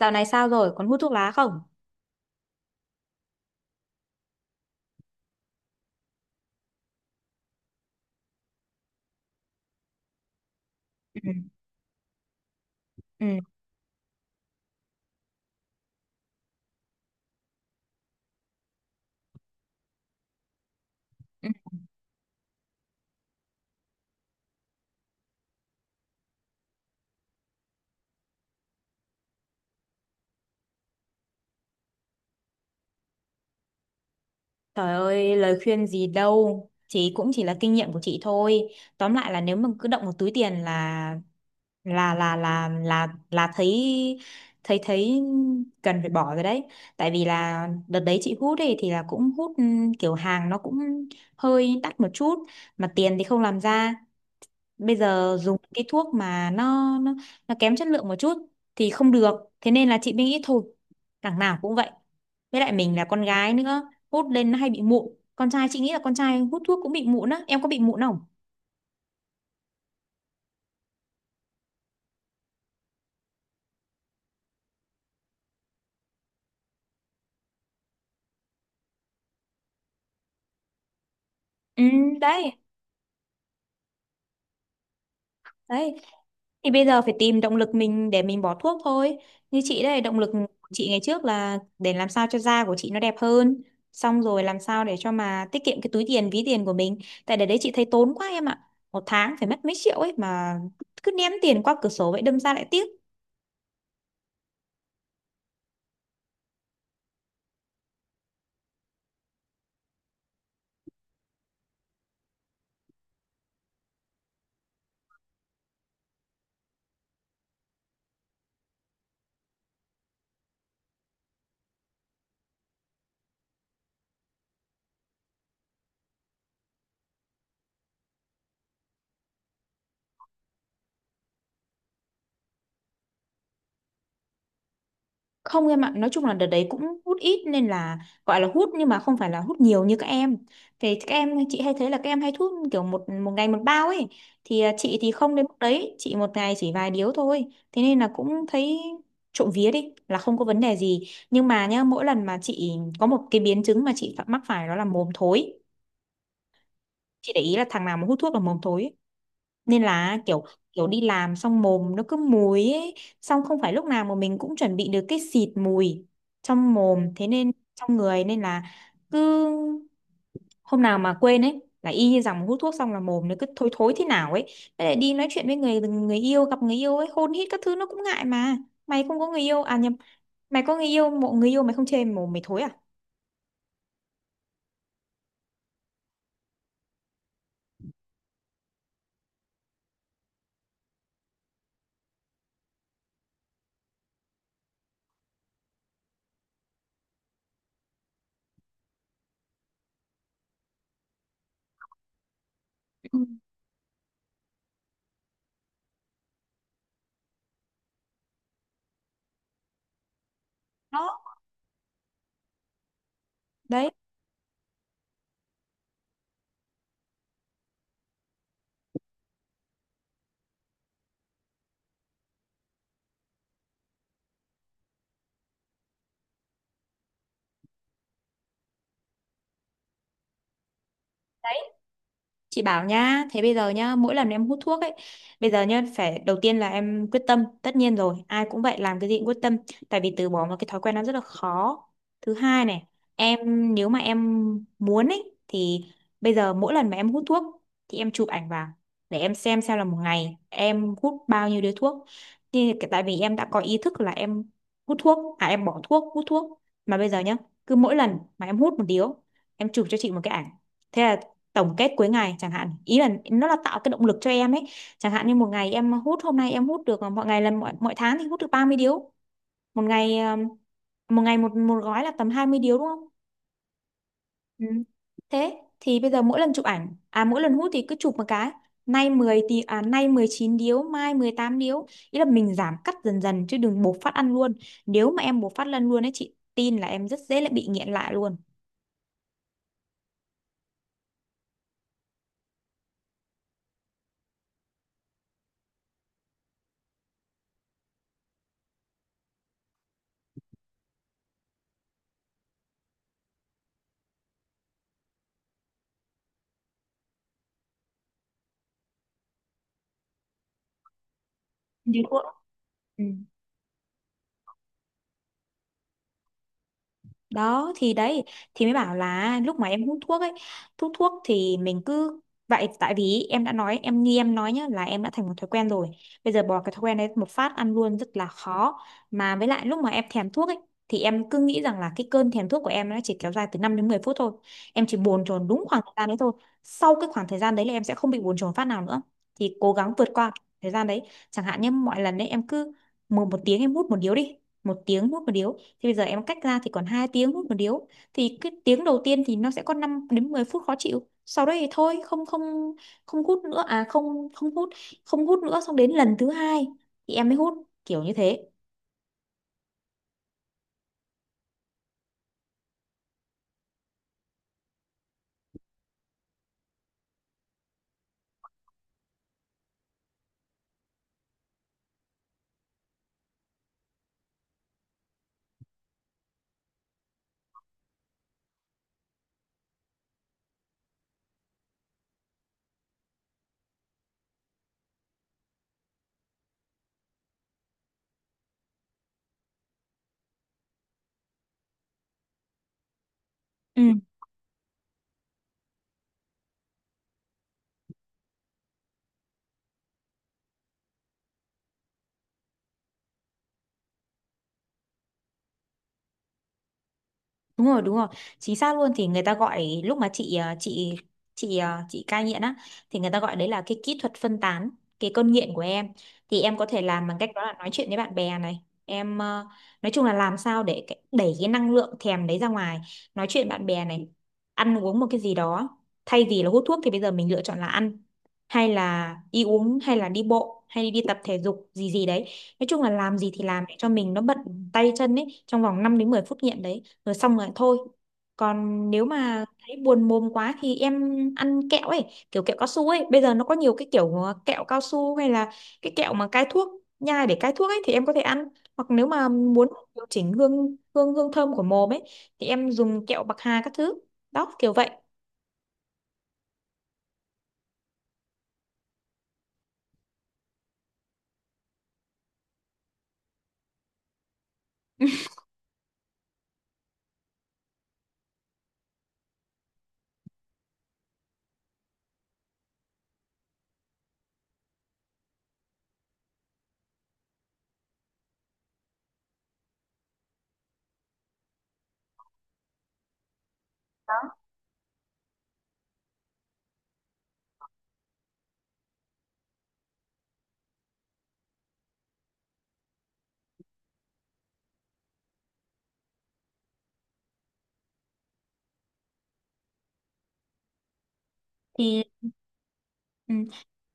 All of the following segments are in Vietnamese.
Dạo này sao rồi, còn hút thuốc lá không? Ừ. Ừ. Ừ. Trời ơi, lời khuyên gì đâu. Chị cũng chỉ là kinh nghiệm của chị thôi. Tóm lại là nếu mà cứ động một túi tiền là thấy thấy thấy cần phải bỏ rồi đấy. Tại vì là đợt đấy chị hút ấy thì là cũng hút, kiểu hàng nó cũng hơi đắt một chút, mà tiền thì không làm ra. Bây giờ dùng cái thuốc mà nó nó, nó kém chất lượng một chút thì không được. Thế nên là chị mới nghĩ thôi, đằng nào cũng vậy, với lại mình là con gái nữa, hút lên nó hay bị mụn. Con trai chị nghĩ là con trai hút thuốc cũng bị mụn á, em có bị mụn không? Ừ. Đấy. Đấy. Thì bây giờ phải tìm động lực mình để mình bỏ thuốc thôi. Như chị đây, động lực của chị ngày trước là để làm sao cho da của chị nó đẹp hơn, xong rồi làm sao để cho mà tiết kiệm cái túi tiền, ví tiền của mình. Tại để đấy chị thấy tốn quá em ạ, một tháng phải mất mấy triệu ấy mà, cứ ném tiền qua cửa sổ vậy, đâm ra lại tiếc. Không em ạ, nói chung là đợt đấy cũng hút ít nên là gọi là hút nhưng mà không phải là hút nhiều như các em. Thì các em chị hay thấy là các em hay hút kiểu một một ngày một bao ấy. Thì chị thì không đến mức đấy, chị một ngày chỉ vài điếu thôi. Thế nên là cũng thấy, trộm vía đi, là không có vấn đề gì. Nhưng mà nhá, mỗi lần mà chị có một cái biến chứng mà chị phải mắc phải đó là mồm thối. Chị để ý là thằng nào mà hút thuốc là mồm thối, nên là kiểu, đi làm xong mồm nó cứ mùi ấy, xong không phải lúc nào mà mình cũng chuẩn bị được cái xịt mùi trong mồm, thế nên trong người nên là cứ hôm nào mà quên ấy là y như rằng hút thuốc xong là mồm nó cứ thối thối thế nào ấy. Với lại đi nói chuyện với người người yêu, gặp người yêu ấy hôn hít các thứ nó cũng ngại mà. Mày không có người yêu à? Nhầm, mày có người yêu, mộ người yêu mày không chê mồm mày thối à? Ừ. Đó. Đấy. Chị bảo nhá, thế bây giờ nhá, mỗi lần em hút thuốc ấy, bây giờ nhá, phải đầu tiên là em quyết tâm, tất nhiên rồi, ai cũng vậy, làm cái gì cũng quyết tâm, tại vì từ bỏ một cái thói quen nó rất là khó. Thứ hai này, em nếu mà em muốn ấy, thì bây giờ mỗi lần mà em hút thuốc, thì em chụp ảnh vào, để em xem là một ngày em hút bao nhiêu điếu thuốc. Thì tại vì em đã có ý thức là em hút thuốc, à em bỏ thuốc, hút thuốc, mà bây giờ nhá, cứ mỗi lần mà em hút một điếu, em chụp cho chị một cái ảnh. Thế là tổng kết cuối ngày chẳng hạn, ý là nó là tạo cái động lực cho em ấy. Chẳng hạn như một ngày em hút, hôm nay em hút được, mọi ngày là mọi tháng thì hút được 30 điếu, một ngày, một ngày một một gói là tầm 20 điếu, đúng không? Ừ. Thế thì bây giờ mỗi lần chụp ảnh, à mỗi lần hút thì cứ chụp một cái, nay 10 thì à nay 19 điếu, mai 18 điếu. Ý là mình giảm cắt dần dần chứ đừng bộc phát ăn luôn. Nếu mà em bộc phát lần luôn ấy chị tin là em rất dễ lại bị nghiện lại luôn. Như thuốc. Ừ. Đó thì đấy, thì mới bảo là lúc mà em hút thuốc ấy, hút thuốc thì mình cứ vậy, tại vì em đã nói, em như em nói nhá, là em đã thành một thói quen rồi, bây giờ bỏ cái thói quen đấy một phát ăn luôn rất là khó. Mà với lại lúc mà em thèm thuốc ấy, thì em cứ nghĩ rằng là cái cơn thèm thuốc của em nó chỉ kéo dài từ 5 đến 10 phút thôi, em chỉ bồn chồn đúng khoảng thời gian đấy thôi, sau cái khoảng thời gian đấy là em sẽ không bị bồn chồn phát nào nữa, thì cố gắng vượt qua thời gian đấy. Chẳng hạn như mọi lần đấy em cứ một một tiếng em hút một điếu đi, một tiếng hút một điếu, thì bây giờ em cách ra thì còn 2 tiếng hút một điếu, thì cái tiếng đầu tiên thì nó sẽ có 5 đến 10 phút khó chịu, sau đấy thì thôi không, không, không hút nữa, à không, không hút, không hút nữa, xong đến lần thứ hai thì em mới hút, kiểu như thế. Ừ, đúng rồi, đúng rồi, chính xác luôn. Thì người ta gọi, lúc mà chị, à chị à, chị cai nghiện á, thì người ta gọi đấy là cái kỹ thuật phân tán cái cơn nghiện của em. Thì em có thể làm bằng cách đó là nói chuyện với bạn bè này, em à, nói chung là làm sao để đẩy cái năng lượng thèm đấy ra ngoài, nói chuyện bạn bè này, ăn uống một cái gì đó, thay vì là hút thuốc thì bây giờ mình lựa chọn là ăn, hay là đi uống, hay là đi bộ, hay đi, tập thể dục gì gì đấy. Nói chung là làm gì thì làm để cho mình nó bận tay chân ấy, trong vòng 5 đến 10 phút nghiện đấy, rồi xong rồi thôi. Còn nếu mà thấy buồn mồm quá thì em ăn kẹo ấy, kiểu kẹo cao su ấy. Bây giờ nó có nhiều cái kiểu, kẹo cao su hay là cái kẹo mà cai thuốc, nhai để cai thuốc ấy, thì em có thể ăn. Hoặc nếu mà muốn điều chỉnh hương, hương hương thơm của mồm ấy thì em dùng kẹo bạc hà các thứ, đó, kiểu vậy. Thì ừ,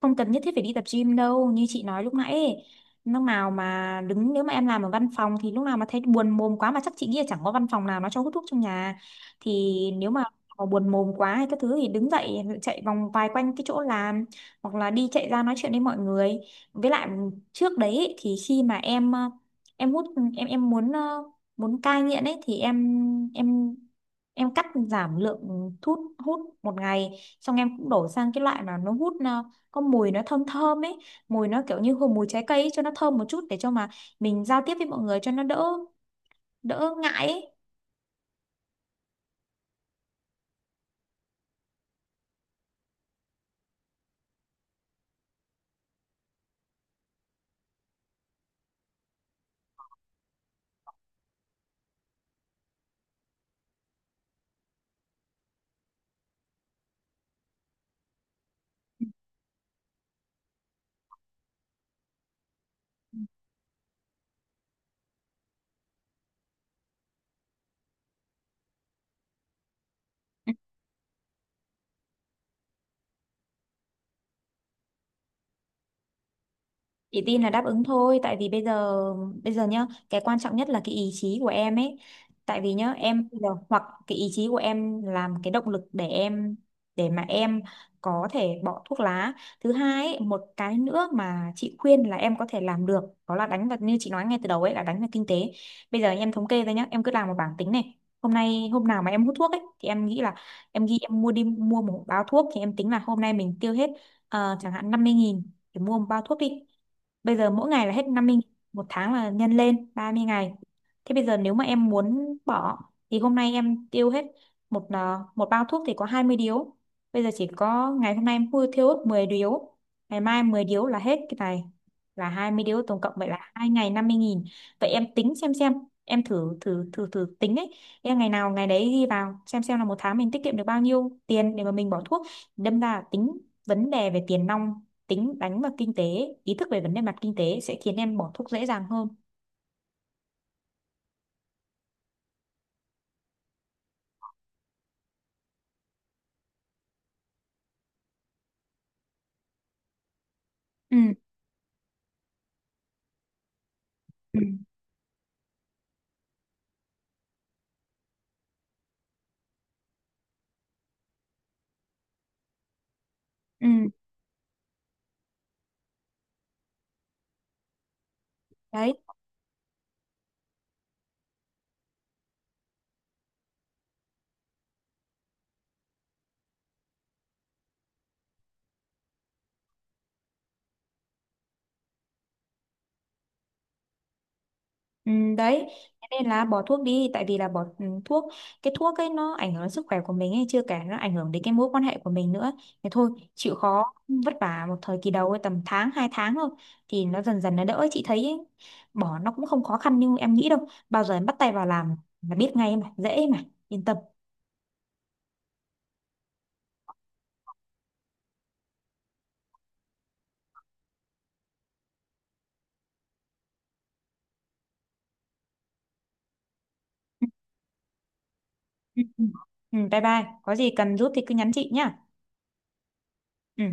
không cần nhất thiết phải đi tập gym đâu, như chị nói lúc nãy ấy, lúc nào mà đứng, nếu mà em làm ở văn phòng thì lúc nào mà thấy buồn mồm quá, mà chắc chị nghĩ là chẳng có văn phòng nào nó cho hút thuốc trong nhà, thì nếu mà buồn mồm quá hay các thứ thì đứng dậy chạy vòng vài quanh cái chỗ làm, hoặc là đi chạy ra nói chuyện với mọi người. Với lại trước đấy ấy, thì khi mà em, em hút, em muốn, muốn cai nghiện ấy thì em em cắt giảm lượng thuốc hút một ngày, xong em cũng đổi sang cái loại mà nó hút, có mùi nó thơm thơm ấy, mùi nó kiểu như hương mùi trái cây ấy, cho nó thơm một chút để cho mà mình giao tiếp với mọi người cho nó đỡ, đỡ ngại ấy. Ừ. Chị tin là đáp ứng thôi, tại vì bây giờ nhá, cái quan trọng nhất là cái ý chí của em ấy. Tại vì nhá, em bây giờ hoặc cái ý chí của em làm cái động lực để mà em có thể bỏ thuốc lá. Thứ hai ấy, một cái nữa mà chị khuyên là em có thể làm được đó là đánh vào, như chị nói ngay từ đầu ấy, là đánh vào kinh tế. Bây giờ em thống kê ra nhá, em cứ làm một bảng tính này. Hôm nay hôm nào mà em hút thuốc ấy thì em nghĩ là em ghi, em mua, mua một bao thuốc thì em tính là hôm nay mình tiêu hết, chẳng hạn 50.000 để mua một bao thuốc đi. Bây giờ mỗi ngày là hết 50 nghìn, một tháng là nhân lên 30 ngày. Thế bây giờ nếu mà em muốn bỏ thì hôm nay em tiêu hết một bao thuốc thì có 20 điếu. Bây giờ chỉ có ngày hôm nay em mua thiêu hết 10 điếu, ngày mai 10 điếu là hết cái này, là 20 đô tổng cộng, vậy là 2 ngày 50.000. Vậy em tính xem, em thử thử thử thử tính ấy, em ngày nào ngày đấy ghi vào xem là một tháng mình tiết kiệm được bao nhiêu tiền để mà mình bỏ thuốc. Đâm ra là tính vấn đề về tiền nong, tính đánh vào kinh tế, ý thức về vấn đề mặt kinh tế sẽ khiến em bỏ thuốc dễ dàng hơn. Ừ. Ừ. Ừ. Đấy. Ừ, đấy. Thế nên là bỏ thuốc đi, tại vì là bỏ, thuốc, cái thuốc ấy nó ảnh hưởng đến sức khỏe của mình ấy, chưa kể nó ảnh hưởng đến cái mối quan hệ của mình nữa. Thế thôi chịu khó vất vả một thời kỳ đầu ấy, tầm tháng hai tháng thôi, thì nó dần dần nó đỡ chị thấy ấy. Bỏ nó cũng không khó khăn như em nghĩ đâu, bao giờ em bắt tay vào làm là biết ngay mà, dễ mà, yên tâm. Ừ, ừ, ừ. Ừ, bye bye, có gì cần giúp thì cứ nhắn chị nhá. Ừ.